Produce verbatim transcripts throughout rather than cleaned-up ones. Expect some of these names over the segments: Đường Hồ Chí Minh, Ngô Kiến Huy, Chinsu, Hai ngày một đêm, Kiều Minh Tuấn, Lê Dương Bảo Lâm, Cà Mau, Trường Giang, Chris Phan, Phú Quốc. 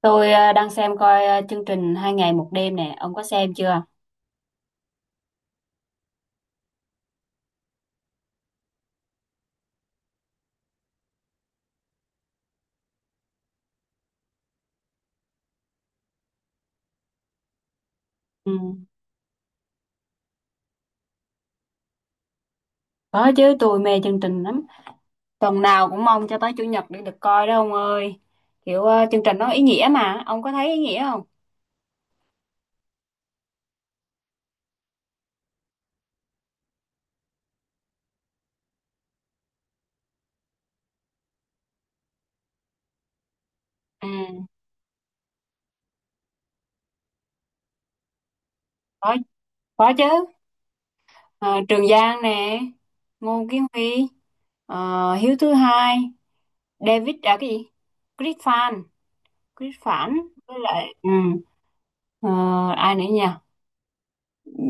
Tôi ờ, đang xem coi ờ, chương trình Hai ngày một đêm nè, ông có xem chưa? Ừ, có chứ, tôi mê chương trình lắm. Tuần nào cũng mong cho tới chủ nhật để được coi đó ông ơi. Kiểu ờ, chương trình nó ý nghĩa mà, ông có thấy ý nghĩa không? Ừ, có có chứ. Ờ, Trường Giang nè, Ngô Kiến Huy, ờ, Hiếu thứ hai, David à cái gì? Chris Phan, Chris Phản với lại ừ. ờ, ai nữa nhỉ?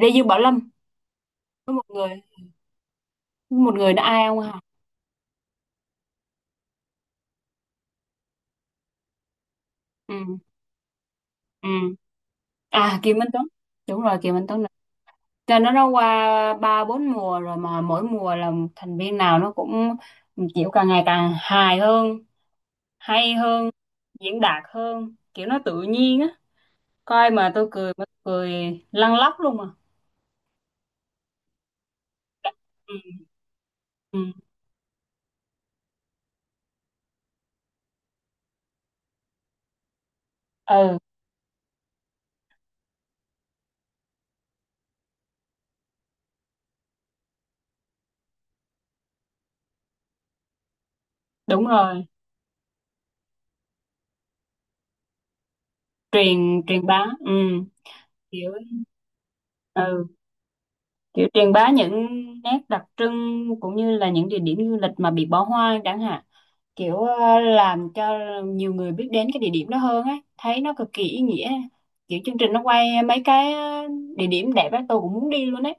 Lê Dương Bảo Lâm với một người với một người nữa ai ông hả? Ừ. Ừ. À, Kiều Minh Tuấn, đúng rồi, Kiều Minh Tuấn nè. Cho nó nó qua ba bốn mùa rồi, mà mỗi mùa là thành viên nào nó cũng kiểu càng ngày càng hài hơn, hay hơn, diễn đạt hơn, kiểu nó tự nhiên á, coi mà tôi cười, mà tôi cười lăn lóc luôn mà. Ừ. Ừ, ừ, đúng rồi, truyền truyền bá, ừ. Kiểu ừ kiểu truyền bá những nét đặc trưng cũng như là những địa điểm du lịch mà bị bỏ hoang chẳng hạn, kiểu ờ, làm cho nhiều người biết đến cái địa điểm đó hơn ấy, thấy nó cực kỳ ý nghĩa. Kiểu chương trình nó quay mấy cái ờ, địa điểm đẹp ấy, tôi cũng muốn đi luôn ấy.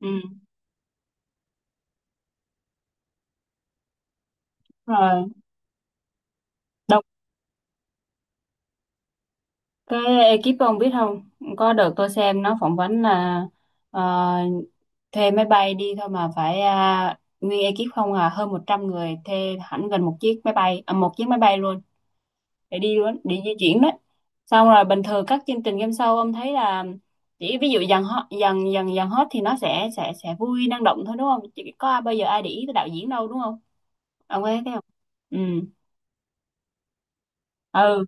Ừ, rồi. Đọc cái ekip ông biết không, có đợt tôi xem nó phỏng vấn là ờ, thuê máy bay đi thôi mà phải à, nguyên ekip không à, hơn một trăm người thuê hẳn gần một chiếc máy bay à, một chiếc máy bay luôn, để đi luôn, để di chuyển đấy. Xong rồi bình thường các chương trình game show ông thấy là chỉ ví dụ dàn hot dàn dàn dàn hot thì nó sẽ sẽ sẽ vui năng động thôi đúng không, chỉ có ai- bây giờ ai để ý tới đạo diễn đâu đúng không, ông có thấy thế không? Ừ, ừ.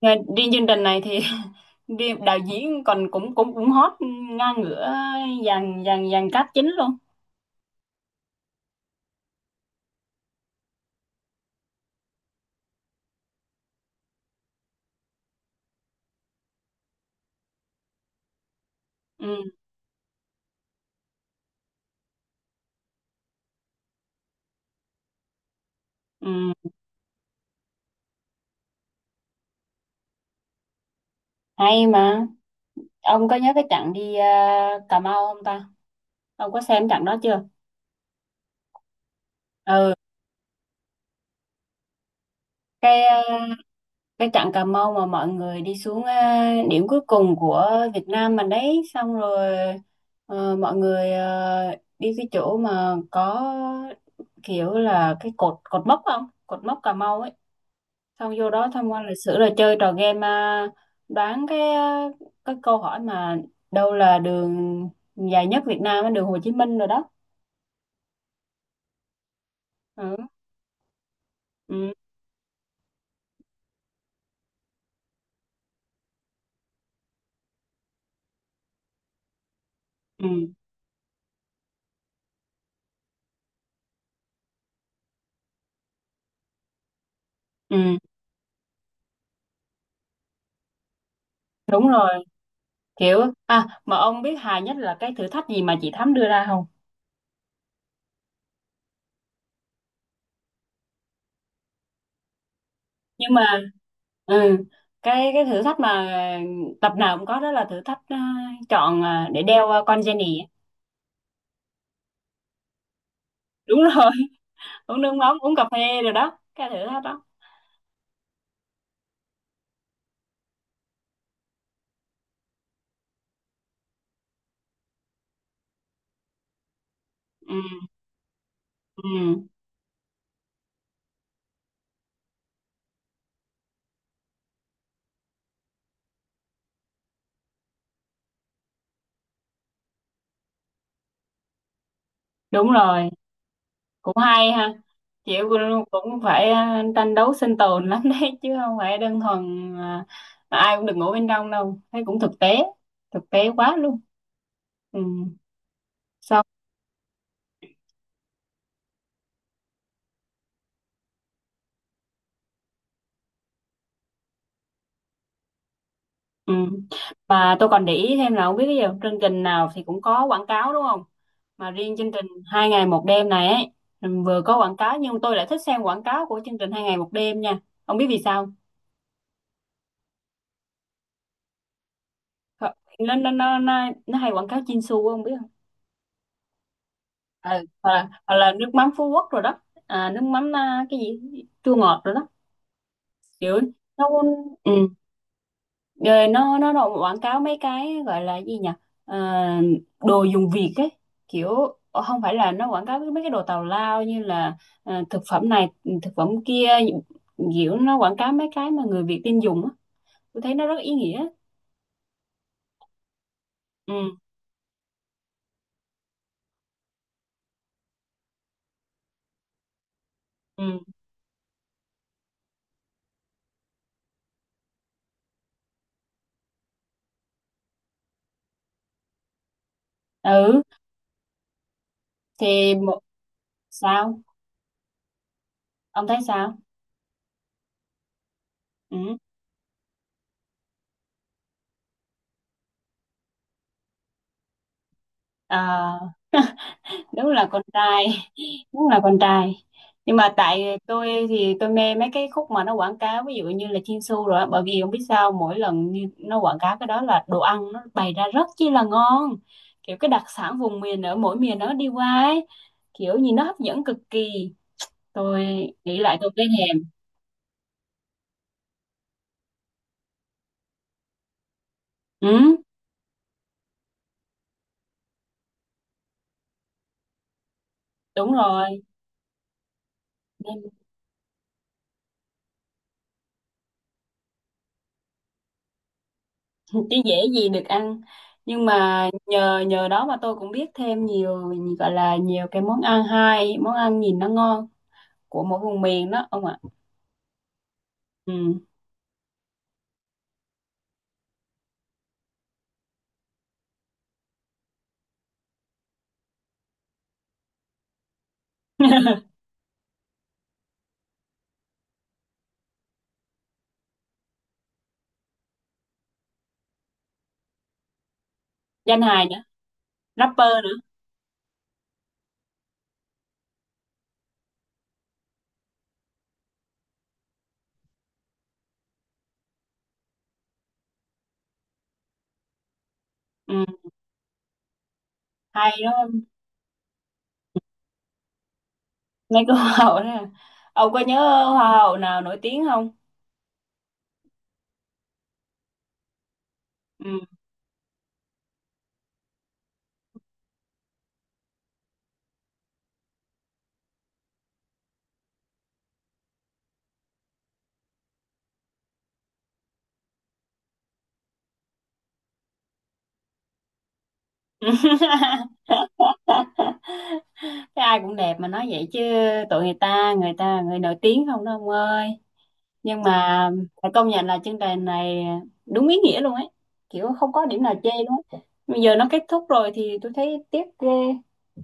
Nghe- riêng chương trình này thì riêng đạo diễn còn cũng cũng cũng hot ngang ngửa dàn dàn dàn cast chính luôn. Ừ, ừ, hay mà. Ông có nhớ cái trận đi ờ, Cà Mau không ta, ông có xem trận đó chưa? Ừ, cái ờ, cái trận Cà Mau mà mọi người đi xuống à, điểm cuối cùng của Việt Nam mình đấy, xong rồi ờ, mọi người ờ, đi cái chỗ mà có kiểu là cái cột cột mốc, không, cột mốc Cà Mau ấy, xong vô đó tham quan lịch sử rồi chơi trò game, à, đoán cái à, cái câu hỏi mà đâu là đường dài nhất Việt Nam á, đường Hồ Chí Minh rồi đó. Ừ. Ừ. Ừ. Ừ. Đúng rồi, kiểu. À mà ông biết hài nhất là cái thử thách gì mà chị Thắm đưa ra không? Nhưng mà ừ, cái cái thử thách mà tập nào cũng có đó là thử thách ờ, chọn ờ, để đeo ờ, con Jenny á. Đúng rồi, uống nước mắm, uống cà phê rồi đó, cái thử thách đó. Ừ, ừ, đúng rồi, cũng hay ha. Chị cũng cũng phải ờ, tranh đấu sinh tồn lắm đấy, chứ không phải đơn thuần ờ, ai cũng được ngủ bên trong đâu, thấy cũng thực tế, thực tế quá luôn. Ừ. Xong. Ừ. Mà tôi còn để ý thêm là không biết cái gì, chương trình nào thì cũng có quảng cáo đúng không, mà riêng chương trình Hai ngày một đêm này ấy, ừm, vừa có quảng cáo nhưng tôi lại thích xem quảng cáo của chương trình Hai ngày một đêm nha, không biết vì sao. Họ- nó nó nó nó, nó hay quảng cáo Chinsu không biết không? Ừ, hoặc là, hoặc là nước mắm Phú Quốc rồi đó, à, nước mắm à, cái gì chua ngọt rồi đó, kiểu nó. ừ, Rồi nó nó nó quảng cáo mấy cái gọi là gì nhỉ? Ờ, đồ dùng Việt ấy, kiểu ờ, không phải là nó quảng cáo mấy cái đồ tào lao như là ờ, thực phẩm này, thực phẩm kia, kiểu nó quảng cáo mấy cái mà người Việt tin dùng á, tôi thấy nó rất ý nghĩa. Ừ, ừ, ừ, thì một. Sao ông thấy sao? Ừ. À đúng là con trai, đúng là con trai, nhưng mà tại tôi thì tôi mê mấy cái khúc mà nó quảng cáo, ví dụ như là Chinsu rồi á. Bởi vì không biết sao mỗi lần như nó quảng cáo cái đó là đồ ăn nó bày ra rất chi là ngon, kiểu cái đặc sản vùng miền ở mỗi miền nó đi qua ấy, kiểu gì nó hấp dẫn cực kỳ, tôi nghĩ lại tôi thấy thèm. Ừ, đúng rồi. Nên chứ dễ gì được ăn, nhưng mà nhờ nhờ đó mà tôi cũng biết thêm nhiều, gọi là nhiều cái món ăn hay, món ăn nhìn nó ngon, của mỗi vùng miền đó ông ạ. Ừ. Danh hài nữa, rapper nữa. Ừ, hay đó, mấy cái hoa hậu đó, ông có nhớ hoa hậu nào nổi tiếng không? Ừ. Cái ai cũng đẹp mà nói vậy chứ, tụi người ta, người ta người nổi tiếng không đó ông ơi. Nhưng mà phải công nhận là chương trình này đúng ý nghĩa luôn ấy, kiểu không có điểm nào chê luôn á. Bây giờ nó kết thúc rồi thì tôi thấy tiếc ghê,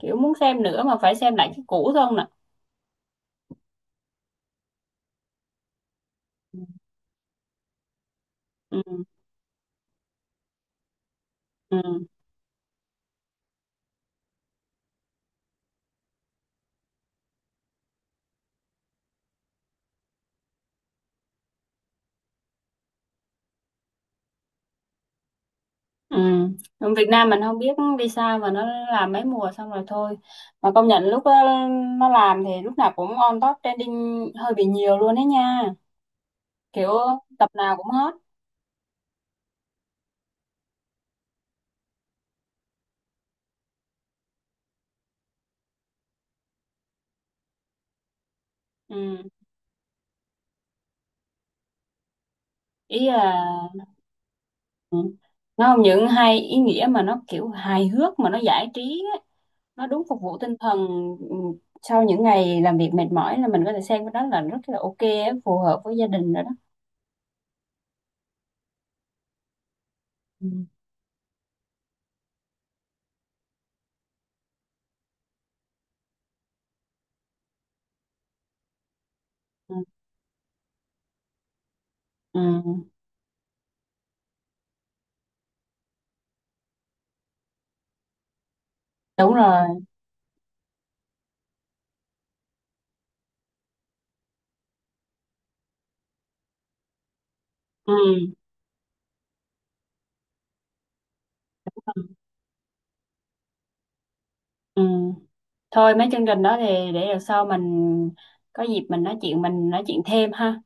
kiểu muốn xem nữa mà phải xem lại cái cũ thôi nè. Ừ. Ừ. Ừ. Ừ. Ở Việt Nam mình không biết vì sao mà nó làm mấy mùa xong rồi thôi, mà công nhận lúc đó nó làm thì lúc nào cũng on top trending hơi bị nhiều luôn đấy nha, kiểu tập nào cũng hot. Ừ, ý là, ừ, nó không những hay ý nghĩa mà nó kiểu hài hước mà nó giải trí á, nó đúng phục vụ tinh thần, ừ, sau những ngày làm việc mệt mỏi là mình có thể xem cái đó, là rất là ok á, phù hợp với gia đình rồi đó. Ừ. Ừ. Ừ, đúng rồi. Ừ. Ừ. Thôi mấy chương trình đó thì để lần sau mình có dịp mình nói chuyện, mình nói chuyện thêm ha.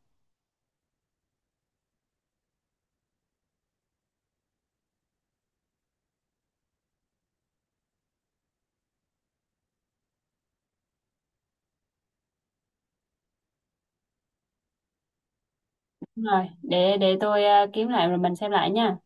Đúng rồi, để để tôi ờ, kiếm lại rồi mình xem lại nha.